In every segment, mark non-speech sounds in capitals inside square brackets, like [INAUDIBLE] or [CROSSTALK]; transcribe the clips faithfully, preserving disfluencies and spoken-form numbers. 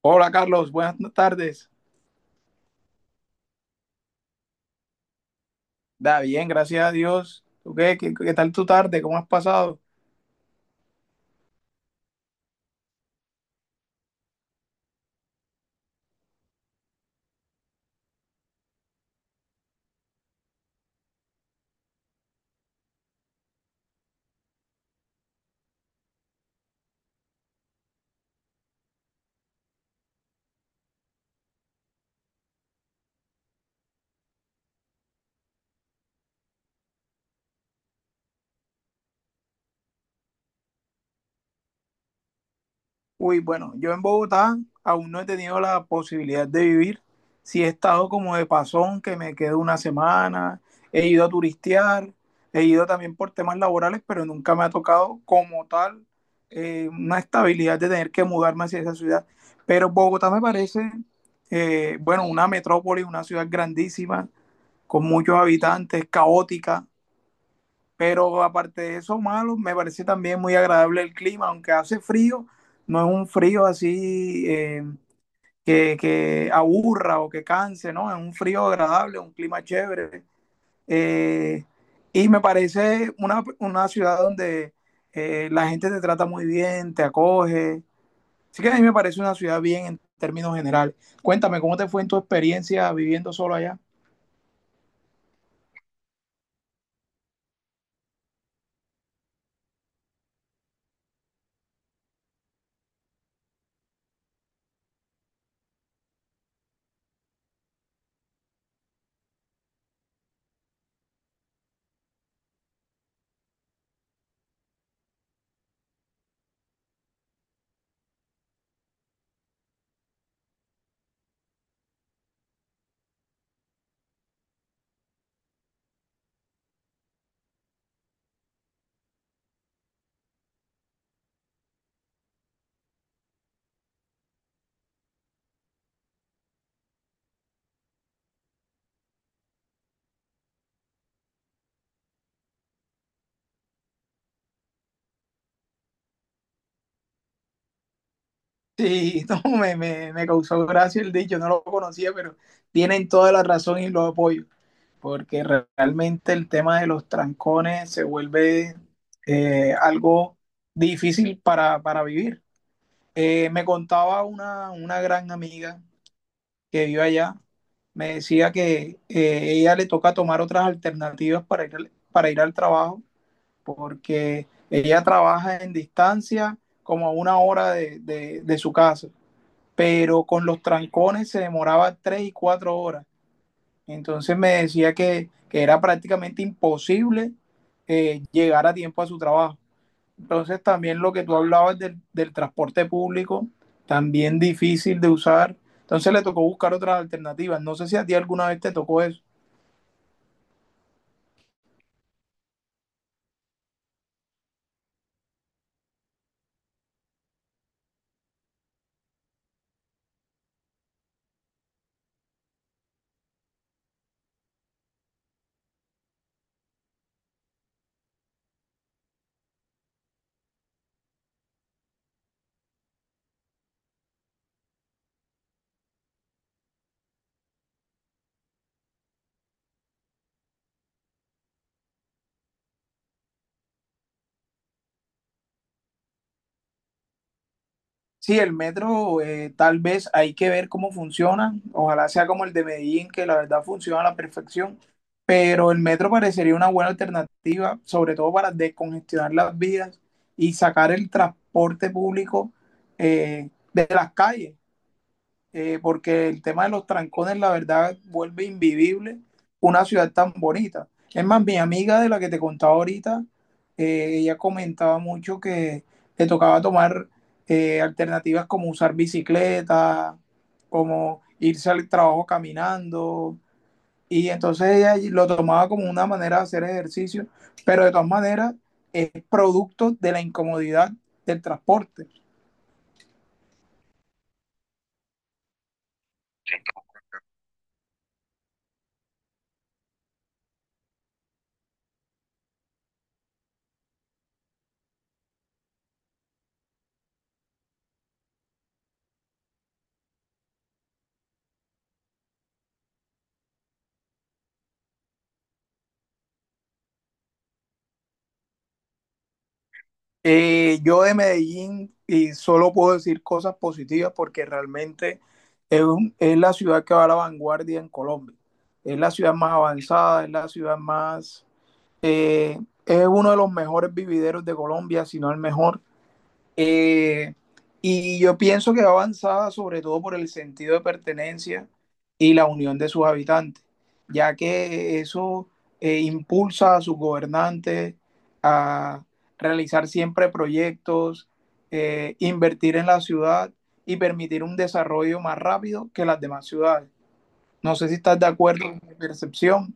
Hola Carlos, buenas tardes. Da bien, gracias a Dios. ¿Tú qué, qué, qué tal tu tarde? ¿Cómo has pasado? Uy, bueno, yo en Bogotá aún no he tenido la posibilidad de vivir. Sí he estado como de pasón, que me quedo una semana. He ido a turistear, he ido también por temas laborales, pero nunca me ha tocado como tal, eh, una estabilidad de tener que mudarme hacia esa ciudad. Pero Bogotá me parece eh, bueno, una metrópoli, una ciudad grandísima, con muchos habitantes, caótica. Pero aparte de eso, malo, me parece también muy agradable el clima, aunque hace frío, no es un frío así eh, que, que aburra o que canse, ¿no? Es un frío agradable, un clima chévere. Eh, y me parece una, una ciudad donde eh, la gente te trata muy bien, te acoge. Así que a mí me parece una ciudad bien en términos generales. Cuéntame, ¿cómo te fue en tu experiencia viviendo solo allá? Sí, [LAUGHS] no, me, me, me causó gracia el dicho, no lo conocía, pero tienen toda la razón y lo apoyo, porque re- realmente el tema de los trancones se vuelve eh, algo difícil para, para vivir. Eh, me contaba una, una gran amiga que vive allá. Me decía que, eh, ella le toca tomar otras alternativas para ir al, para ir al trabajo, porque ella trabaja en distancia como a una hora de de- de su casa, pero con los trancones se demoraba tres y cuatro horas. Entonces me decía que, que era prácticamente imposible eh, llegar a tiempo a su trabajo. Entonces también lo que tú hablabas del, del transporte público, también difícil de usar. Entonces le tocó buscar otras alternativas. No sé si a ti alguna vez te tocó eso. Sí, el metro, eh, tal vez hay que ver cómo funciona. Ojalá sea como el de Medellín, que la verdad funciona a la perfección. Pero el metro parecería una buena alternativa, sobre todo para descongestionar las vías y sacar el transporte público eh, de las calles, eh, porque el tema de los trancones, la verdad, vuelve invivible una ciudad tan bonita. Es más, mi amiga de la que te contaba ahorita, eh, ella comentaba mucho que le tocaba tomar eh, alternativas como usar bicicleta, como irse al trabajo caminando. Y entonces ella lo tomaba como una manera de hacer ejercicio, pero de todas maneras es producto de la incomodidad del transporte. Eh, yo de Medellín y solo puedo decir cosas positivas, porque realmente es, un- es la ciudad que va a la vanguardia en Colombia. Es la ciudad más avanzada, es la ciudad más... eh, es uno de los mejores vivideros de Colombia, si no el mejor. Eh, y yo pienso que va avanzada sobre todo por el sentido de pertenencia y la unión de sus habitantes, ya que eso eh, impulsa a sus gobernantes a realizar siempre proyectos, eh, invertir en la ciudad y permitir un desarrollo más rápido que las demás ciudades. No sé si estás de acuerdo con mi percepción.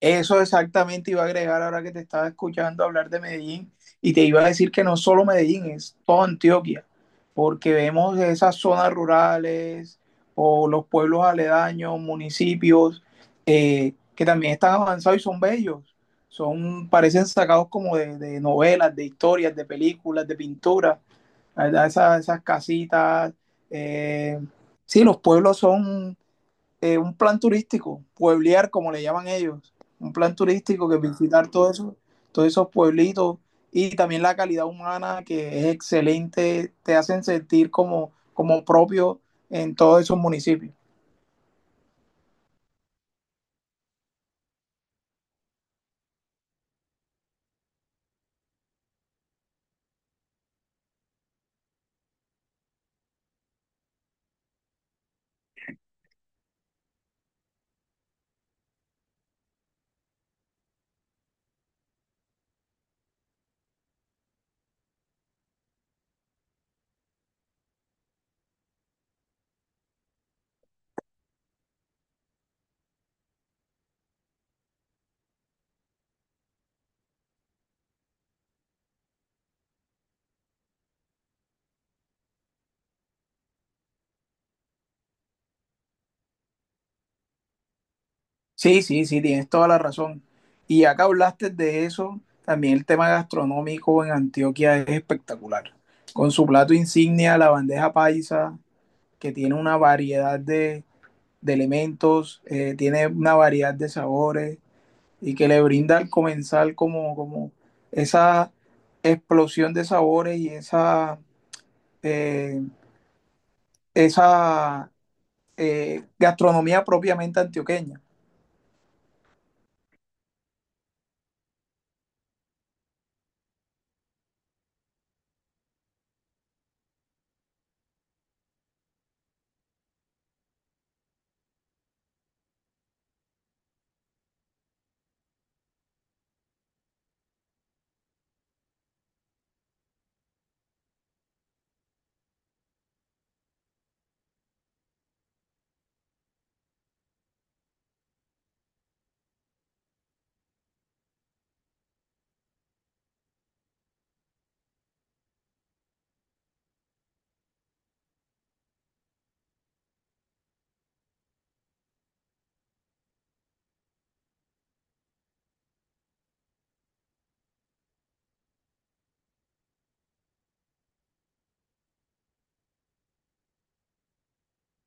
Eso exactamente iba a agregar ahora que te estaba escuchando hablar de Medellín, y te iba a decir que no solo Medellín, es toda Antioquia, porque vemos esas zonas rurales o los pueblos aledaños, municipios eh, que también están avanzados y son bellos, son, parecen sacados como de, de novelas, de historias, de películas, de pintura, la verdad, esas, esas casitas, eh, sí, los pueblos son eh, un plan turístico, pueblear como le llaman ellos, un plan turístico que visitar todo eso, todos esos pueblitos, y también la calidad humana que es excelente, te hacen sentir como, como propio en todos esos municipios. Sí, sí, sí, tienes toda la razón. Y acá hablaste de eso, también el tema gastronómico en Antioquia es espectacular. Con su plato insignia, la bandeja paisa, que tiene una variedad de, de elementos, eh, tiene una variedad de sabores, y que le brinda al comenzar como, como esa explosión de sabores y esa, eh, esa eh, gastronomía propiamente antioqueña.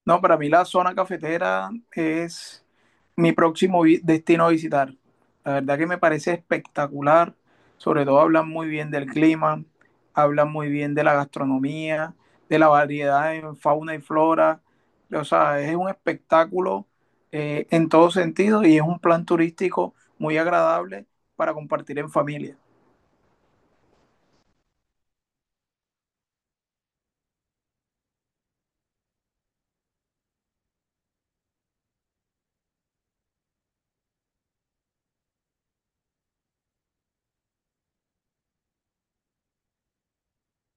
No, para mí la zona cafetera es mi próximo vi- destino a visitar. La verdad que me parece espectacular. Sobre todo hablan muy bien del clima, hablan muy bien de la gastronomía, de la variedad en fauna y flora. O sea, es un espectáculo, eh, en todo sentido, y es un plan turístico muy agradable para compartir en familia.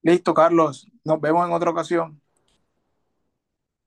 Listo, Carlos. Nos vemos en otra ocasión.